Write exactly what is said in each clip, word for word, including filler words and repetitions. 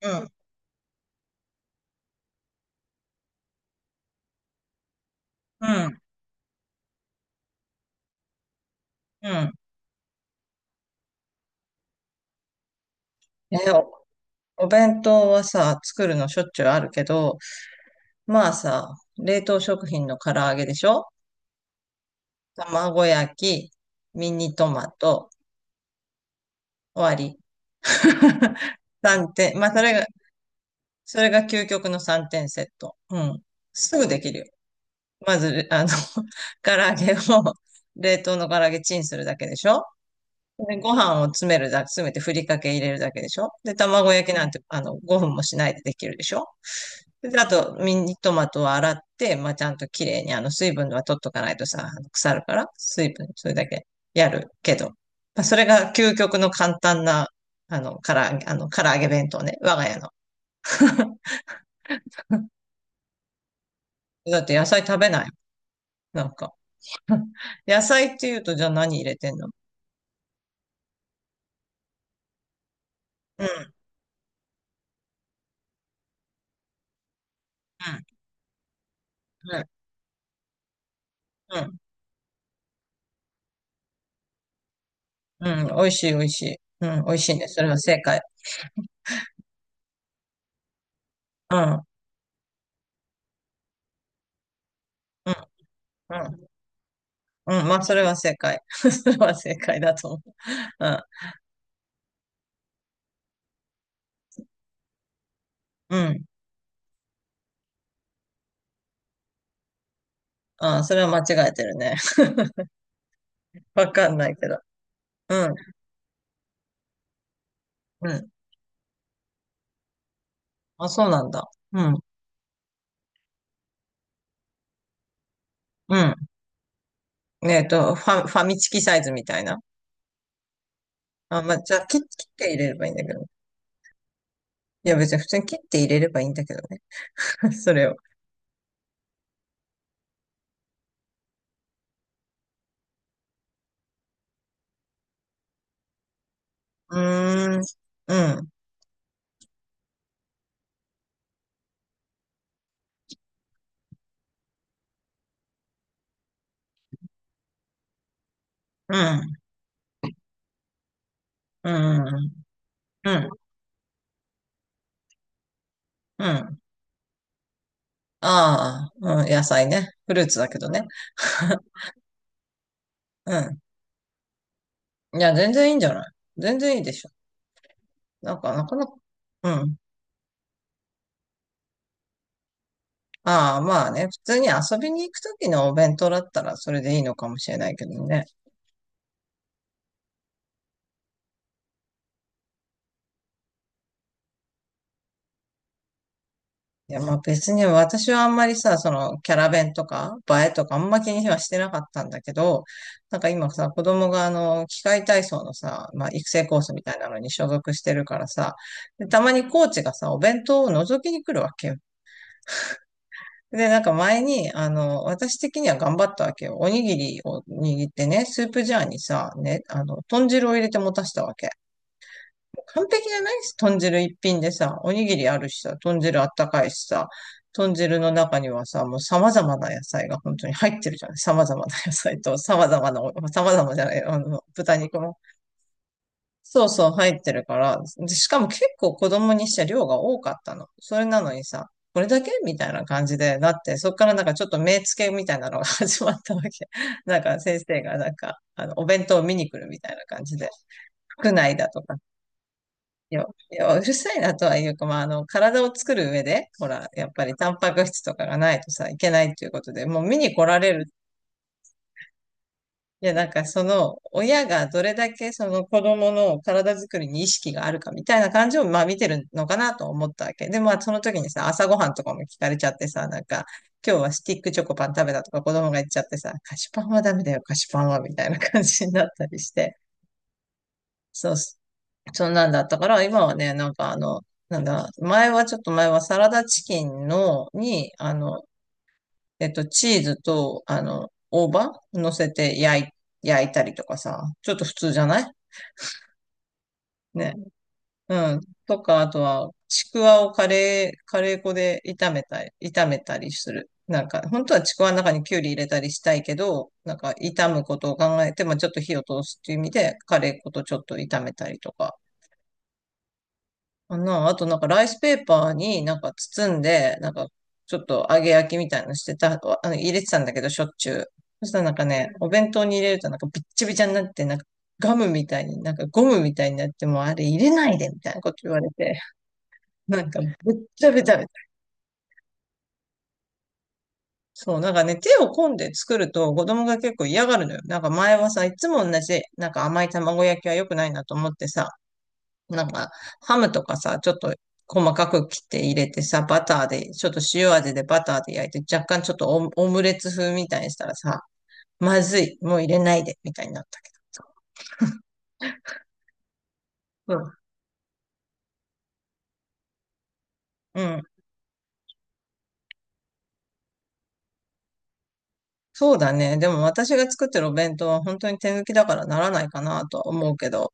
うん、うん、うん。えお、お弁当はさ、作るのしょっちゅうあるけど、まあさ、冷凍食品の唐揚げでしょ？卵焼き、ミニトマト、終わり。さんてん。まあ、それが、それが究極のさんてんセット。うん。すぐできるよ。まず、あの、唐揚げを、冷凍の唐揚げチンするだけでしょ？でご飯を詰めるだ、詰めてふりかけ入れるだけでしょ。で、卵焼きなんて、あの、ごふんもしないでできるでしょ。で、あと、ミニトマトを洗って、まあ、ちゃんと綺麗に、あの、水分は取っとかないとさ、あの腐るから、水分、それだけやるけど。まあ、それが究極の簡単な、あの、から揚げ、あの、唐揚げ弁当ね、我が家の。だって野菜食べない。なんか。野菜って言うと、じゃあ何入れてんの？うん、うん、うん、うん、うん、美味しい、美味しい。うん、美味しいね。それは正解。うん。うんうん。うん。まあ、それは正解。それは正解だと思う。うん。うん。ああ、それは間違えてるね。わかんないけど。うん。うん。あ、そうなんだ。うん。うん。ねえっと、ファ、ファミチキサイズみたいな。あ、まあ、じゃあ、切、切って入れればいいんだけど。いや、別に普通に切って入れればいいんだけどね。それを。うーん。うん。うん。うん。うん。うん。ああ、うん。野菜ね。フルーツだけどね。うん。いや、全然いいんじゃない？全然いいでしょ。なんか、なかなか、うん。ああ、まあね、普通に遊びに行くときのお弁当だったらそれでいいのかもしれないけどね。いや、まあ別に私はあんまりさ、そのキャラ弁とか映えとかあんま気にはしてなかったんだけど、なんか今さ、子供があの、器械体操のさ、まあ育成コースみたいなのに所属してるからさ、でたまにコーチがさ、お弁当を覗きに来るわけよ。で、なんか前に、あの、私的には頑張ったわけよ。おにぎりを握ってね、スープジャーにさ、ね、あの、豚汁を入れて持たせたわけ。もう完璧じゃない？豚汁一品でさ、おにぎりあるしさ、豚汁あったかいしさ、豚汁の中にはさ、もう様々な野菜が本当に入ってるじゃない。様々な野菜と、様々なお、様々じゃない、あの、豚肉もそうそう、入ってるから。でしかも結構子供にして量が多かったの。それなのにさ、これだけみたいな感じで、だってそっからなんかちょっと目つけみたいなのが 始まったわけ。なんか先生がなんか、あの、お弁当を見に来るみたいな感じで、服内だとか。いやいやうるさいなとはいうか、まあ、あの、体を作る上で、ほら、やっぱりタンパク質とかがないとさ、いけないっていうことで、もう見に来られる。いや、なんかその親がどれだけその子供の体づくりに意識があるかみたいな感じをまあ見てるのかなと思ったわけ。で、まあその時にさ、朝ごはんとかも聞かれちゃってさ、なんか今日はスティックチョコパン食べたとか子供が言っちゃってさ、菓子パンはダメだよ、菓子パンはみたいな感じになったりして。そう、そんなんだったから、今はね、なんかあの、なんだ、前はちょっと前はサラダチキンの、に、あの、えっと、チーズと、あの、大葉乗せて焼い、焼いたりとかさ、ちょっと普通じゃないね。うん。とか、あとは、ちくわをカレー、カレー粉で炒めたり、炒めたりする。なんか、本当はちくわの中にきゅうり入れたりしたいけど、なんか、炒むことを考えて、まあ、ちょっと火を通すっていう意味で、カレー粉とちょっと炒めたりとか。かな。あとなんかライスペーパーになんか包んで、なんかちょっと揚げ焼きみたいなのしてた、あの入れてたんだけど、しょっちゅう。そしたらなんかね、お弁当に入れるとなんかびっちびちゃになって、なんかガムみたいに、なんかゴムみたいになって、もうあれ入れないでみたいなこと言われて、なんかべっちゃべちゃべちゃ。そう、なんかね、手を込んで作ると子供が結構嫌がるのよ。なんか前はさ、いつも同じ、なんか甘い卵焼きは良くないなと思ってさ、なんか、ハムとかさ、ちょっと細かく切って入れてさ、バターで、ちょっと塩味でバターで焼いて、若干ちょっとオム、オムレツ風みたいにしたらさ、まずい、もう入れないで、みたいになったけどさ。うん。うん。そうだね。でも私が作ってるお弁当は本当に手抜きだからならないかなとは思うけど、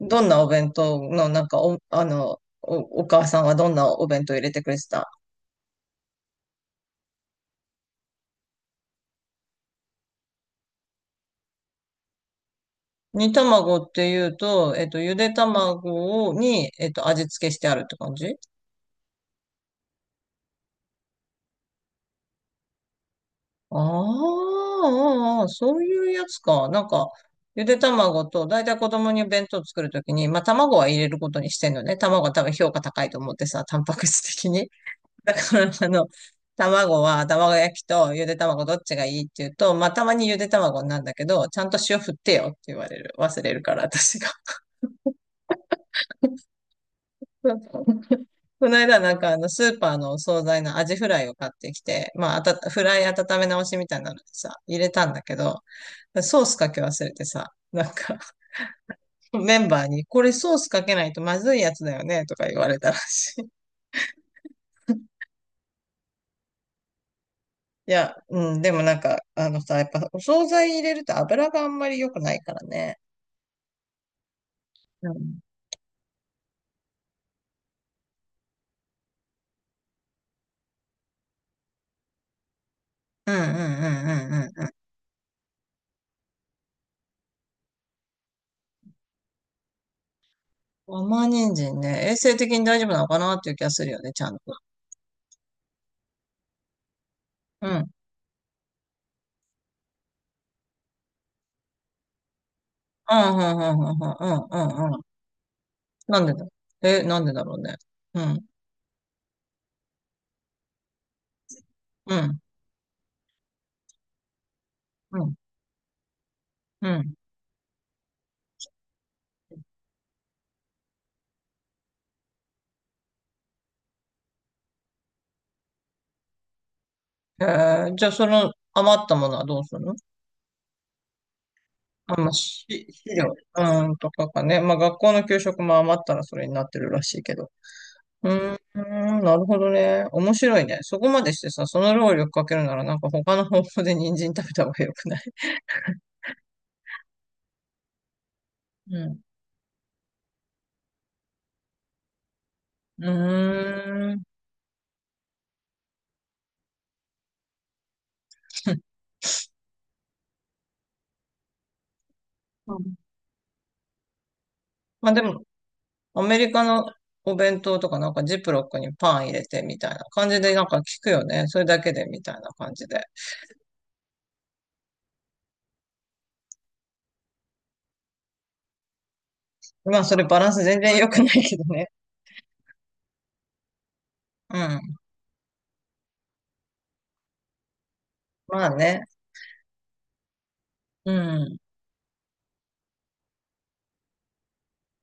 どんなお弁当の、なんかお、あの、お、お母さんはどんなお弁当入れてくれてた？煮卵っていうと、えっと、ゆで卵に、えっと、味付けしてあるって感じ？あーあー、そういうやつか。なんか、ゆで卵と、だいたい子供に弁当作るときに、まあ卵は入れることにしてんのね。卵は多分評価高いと思ってさ、タンパク質的に。だから、あの、卵は卵焼きとゆで卵どっちがいいって言うと、まあたまにゆで卵なんだけど、ちゃんと塩振ってよって言われる。忘れるから、私が。この間なんかあのスーパーのお惣菜のアジフライを買ってきて、まあ、あた、フライ温め直しみたいなのでさ、入れたんだけど、ソースかけ忘れてさ、なんか メンバーに、これソースかけないとまずいやつだよね、とか言われたらしい。いや、うん、でもなんか、あのさ、やっぱお惣菜入れると油があんまり良くないからね。うん。うんうんうんうんうんうん。甘人参ね、衛生的に大丈夫なのかなっていう気がするよね、ちゃんと。うん。うん、うん、うん、うん、うん、うん、うん。なんでだ？え、なんでだろうね。うん、うん、うん、うん。えー、じゃあその余ったものはどうするの？あ、まあ、し資料、うん、とかかね。まあ学校の給食も余ったらそれになってるらしいけど。うーん、なるほどね。面白いね。そこまでしてさ、その労力かけるならなんか他の方法で人参食べた方がよくない？うん。うーん。まあでも、アメリカのお弁当とかなんかジップロックにパン入れてみたいな感じでなんか聞くよね。それだけでみたいな感じで。まあそれバランス全然良くないけどね。うん。まあね。うん。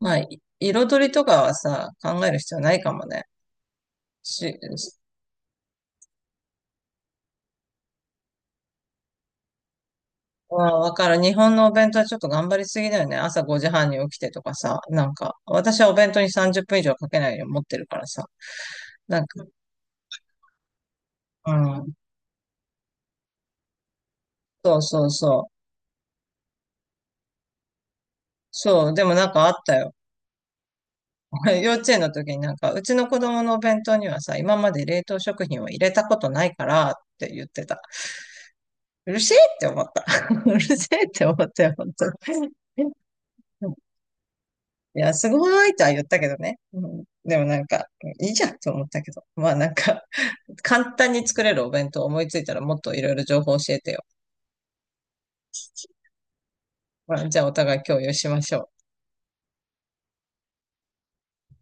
まあ、い彩りとかはさ、考える必要ないかもね。し、わわかる。日本のお弁当はちょっと頑張りすぎだよね。朝ごじはんに起きてとかさ、なんか、私はお弁当にさんじゅっぷん以上かけないように持ってるからさ。なんか、うん。そうそうそう。そう、でもなんかあったよ。幼稚園の時になんか、うちの子供のお弁当にはさ、今まで冷凍食品を入れたことないからって言ってた。うるせえって思った。うるせえって思ったよ、本当に。うん。いや、すごいとは言ったけどね。うん、でもなんか、いいじゃんと思ったけど。まあなんか、簡単に作れるお弁当思いついたらもっといろいろ情報教えてよ。まあ、じゃあお互い共有しましょう。